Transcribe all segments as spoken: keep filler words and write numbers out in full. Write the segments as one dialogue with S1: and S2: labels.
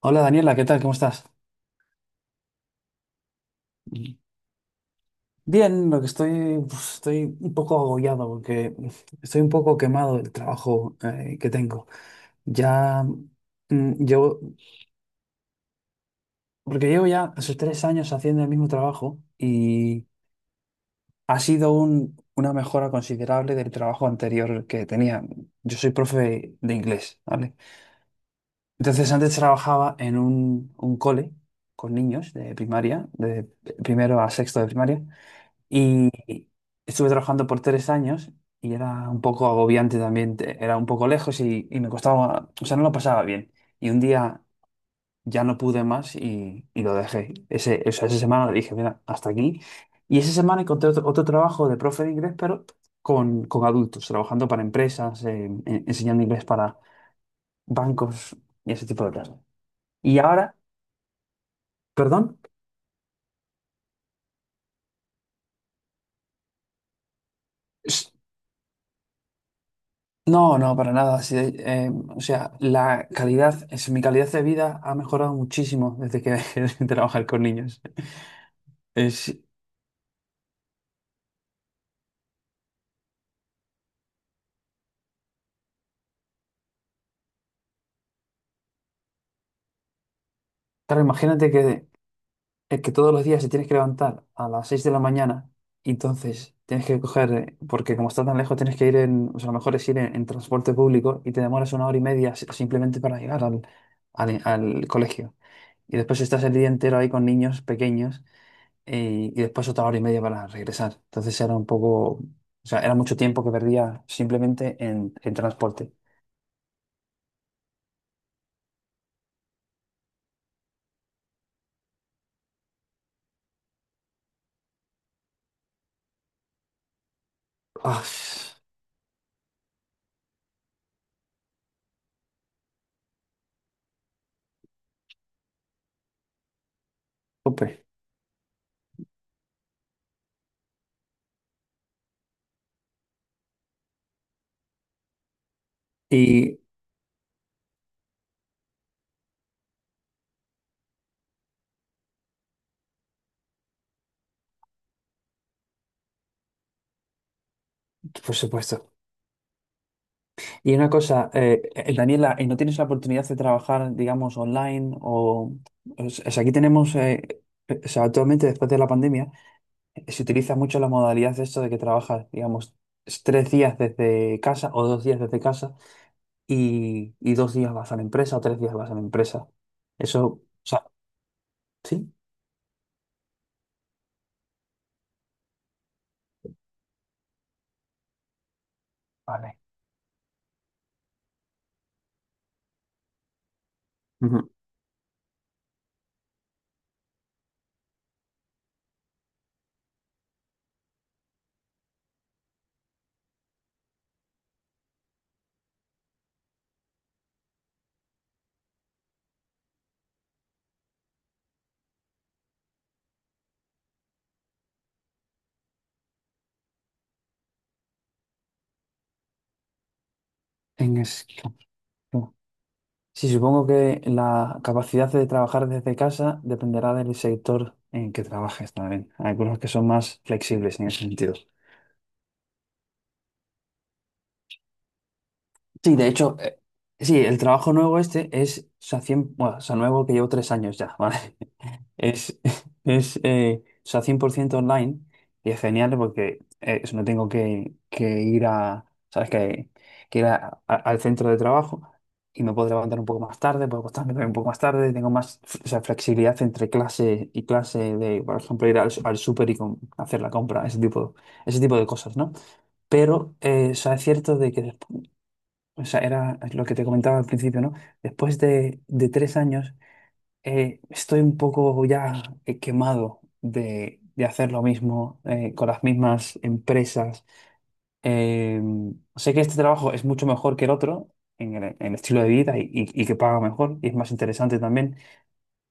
S1: Hola Daniela, ¿qué tal? ¿Cómo estás? Bien, lo que estoy, pues, estoy un poco agobiado porque estoy un poco quemado del trabajo eh, que tengo. Ya, mm, llevo, porque llevo ya esos tres años haciendo el mismo trabajo y ha sido un- una mejora considerable del trabajo anterior que tenía. Yo soy profe de inglés, ¿vale? Entonces antes trabajaba en un, un cole con niños de primaria, de primero a sexto de primaria. Y estuve trabajando por tres años y era un poco agobiante también, te- era un poco lejos y, y me costaba, o sea, no lo pasaba bien. Y un día ya no pude más y, y lo dejé. Ese, o sea, esa semana dije, mira, hasta aquí. Y esa semana encontré otro, otro trabajo de profe de inglés, pero con, con adultos, trabajando para empresas, eh, en- enseñando inglés para bancos y ese tipo de cosas. Y ahora, perdón. No, no, para nada. Sí, eh, o sea, la calidad, es, mi calidad de vida ha mejorado muchísimo desde que dejé de trabajar con niños. Es, claro, imagínate que, eh, que todos los días te tienes que levantar a las seis de la mañana y entonces tienes que coger, eh, porque como está tan lejos, tienes que ir en, o sea, lo mejor es ir en, en transporte público y te demoras una hora y media si- simplemente para llegar al, al, al colegio. Y después estás el día entero ahí con niños pequeños, eh, y después otra hora y media para regresar. Entonces era un poco, o sea, era mucho tiempo que perdía simplemente en, en transporte. Ah, súper. Y, por supuesto. Y una cosa, eh, eh, Daniela, ¿y no tienes la oportunidad de trabajar, digamos, online? O, o sea, aquí tenemos, eh, eh, o sea, actualmente después de la pandemia, eh, se utiliza mucho la modalidad de esto de que trabajas, digamos, tres días desde casa o dos días desde casa y, y dos días vas a la empresa o tres días vas a la empresa. Eso, o Sí. Vale. Ujú. En Esquimalt. Sí, supongo que la capacidad de trabajar desde casa dependerá del sector en que trabajes también. Hay algunos que son más flexibles en ese sentido. Sí, de hecho, eh, sí, el trabajo nuevo este es, o sea, cien- bueno, o sea, nuevo que llevo tres años ya, ¿vale? Es, es eh, o sea, cien por ciento online y es genial porque eh, eso, no tengo que, que ir a, ¿sabes? Que, que ir a- a- al centro de trabajo y me puedo levantar un poco más tarde, puedo acostarme también un poco más tarde, tengo más f- o sea, flexibilidad entre clase y clase de, por ejemplo, ir al, al súper y com- hacer la compra, ese tipo, ese tipo de cosas, ¿no? Pero eh, o sea, es cierto de que, despu- o sea, era lo que te comentaba al principio, ¿no? Después de, de tres años, eh, estoy un poco ya, eh, quemado de, de hacer lo mismo, eh, con las mismas empresas. Eh, Sé que este trabajo es mucho mejor que el otro en el, en el estilo de vida y, y- y que paga mejor y es más interesante también,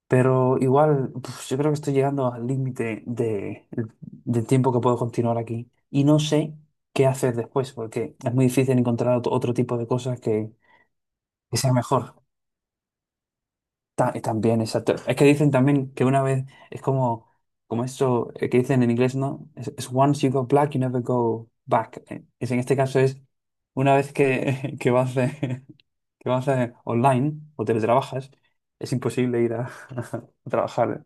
S1: pero igual pues, yo creo que estoy llegando al límite de, del tiempo que puedo continuar aquí y no sé qué hacer después porque es muy difícil encontrar otro, otro tipo de cosas que, que sea mejor. Ta- y también, exacto. Es que dicen también que una vez es como, como esto, eh, que dicen en inglés, ¿no? Es, es once you go black, you never go back. Eh, Es, en este caso es una vez que, que vas, eh, que vas, eh, online o teletrabajas, es imposible ir a, a trabajar.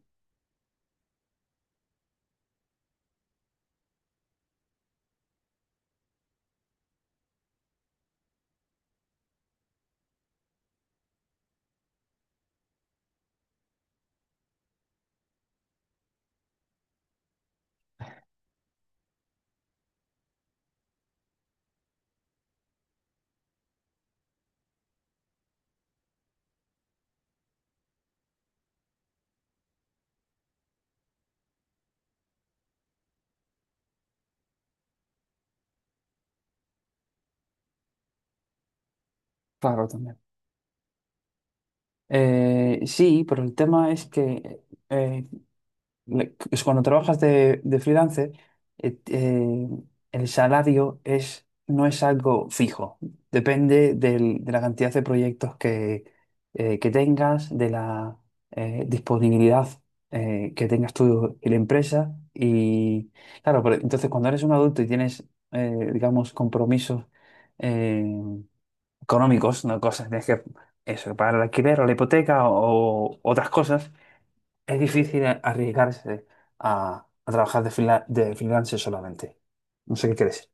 S1: Claro, también. Eh, sí, pero el tema es que, eh, le- es cuando trabajas de, de freelancer, eh, eh, el salario es, no es algo fijo. Depende del- de la cantidad de proyectos que, eh, que tengas, de la, eh, disponibilidad, eh, que tengas tú y la empresa. Y claro, pero entonces cuando eres un adulto y tienes, eh, digamos, compromisos, eh, económicos, ¿no? Cosas, tienes que eso, pagar el alquiler o la hipoteca o otras cosas es difícil arriesgarse a, a trabajar de, fila- de freelancer solamente. No sé qué crees.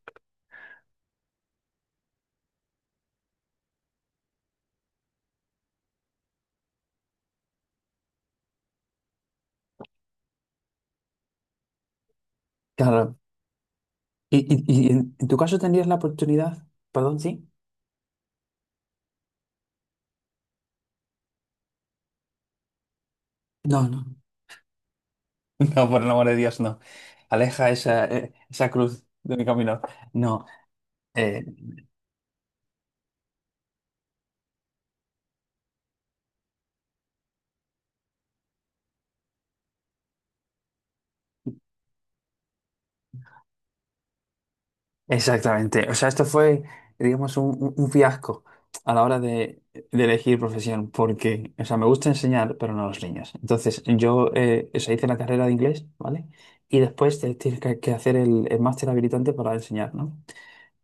S1: Claro. ¿Y, y- y en, en tu caso tendrías la oportunidad? Perdón, sí. No, no. No, por el amor de Dios, no. Aleja esa, eh, esa cruz de mi camino. No. eh, Exactamente. O sea, esto fue, digamos, un, un- un fiasco a la hora de, de elegir profesión, porque, o sea, me gusta enseñar, pero no a los niños. Entonces, yo, eh, o sea, hice la carrera de inglés, ¿vale? Y después te- tienes que, que hacer el, el máster habilitante para enseñar, ¿no?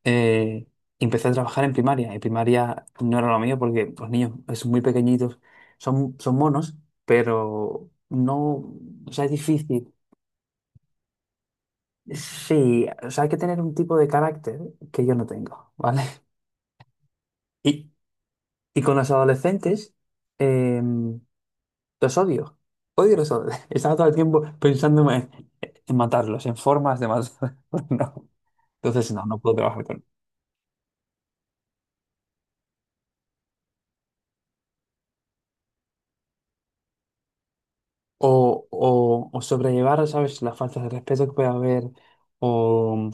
S1: Eh, Empecé a trabajar en primaria, y primaria no era lo mío porque los niños son muy pequeñitos, son, son monos, pero no, o sea, es difícil. Sí, o sea, hay que tener un tipo de carácter que yo no tengo, ¿vale? Y, y con los adolescentes, eh, los odio. Odio los odio. Estaba todo el tiempo pensando en, en matarlos, en formas de matarlos. No. Entonces, no, no puedo trabajar con, o, o, o sobrellevar, ¿sabes?, las faltas de respeto que puede haber o,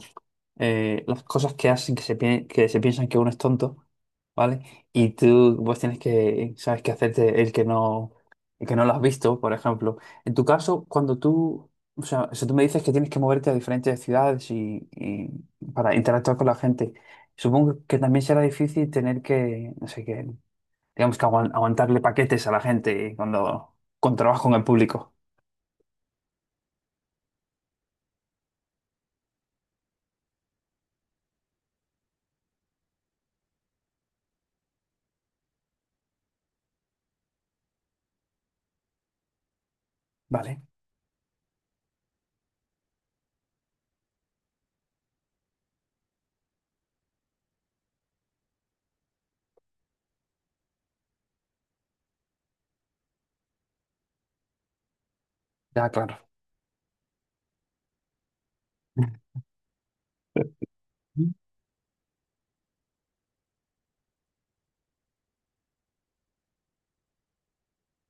S1: eh, las cosas que hacen que se, pi- que se piensan que uno es tonto, ¿vale? Y tú vos tienes que, ¿sabes?, que hacerte el que no, el que no, lo has visto, por ejemplo. En tu caso, cuando tú, o sea, si tú me dices que tienes que moverte a diferentes ciudades y, y para interactuar con la gente, supongo que también será difícil tener que, no sé, que, digamos que aguan- aguantarle paquetes a la gente cuando... con trabajo en el público. Vale, ya claro. Ujú.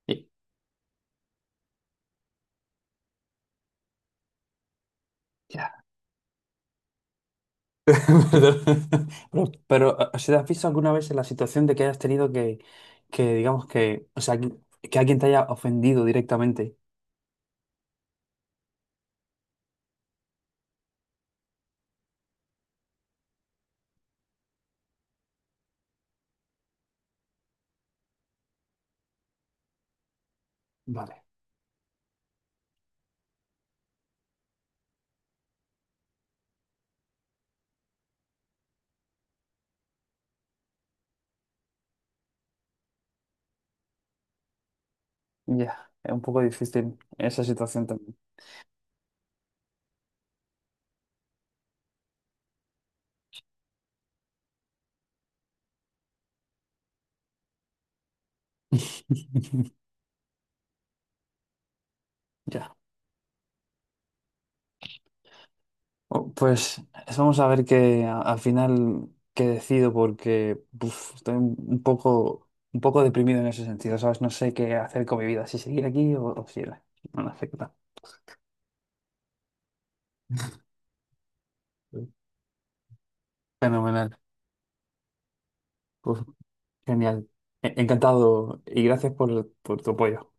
S1: Y- Ya. Pero, pero, o sea, ¿te has visto alguna vez en la situación de que hayas tenido que, que digamos que, o sea, que, que alguien te haya ofendido directamente? Vale, ya. Es un poco difícil esa situación también. Ya. Oh, pues vamos a ver que a- al final qué decido porque uf, estoy un un poco, un poco deprimido en ese sentido, ¿sabes? No sé qué hacer con mi vida, si seguir aquí o, o si ir- a- no, no sé qué tal. Fenomenal. Pues genial. E- Encantado y gracias por, por tu apoyo.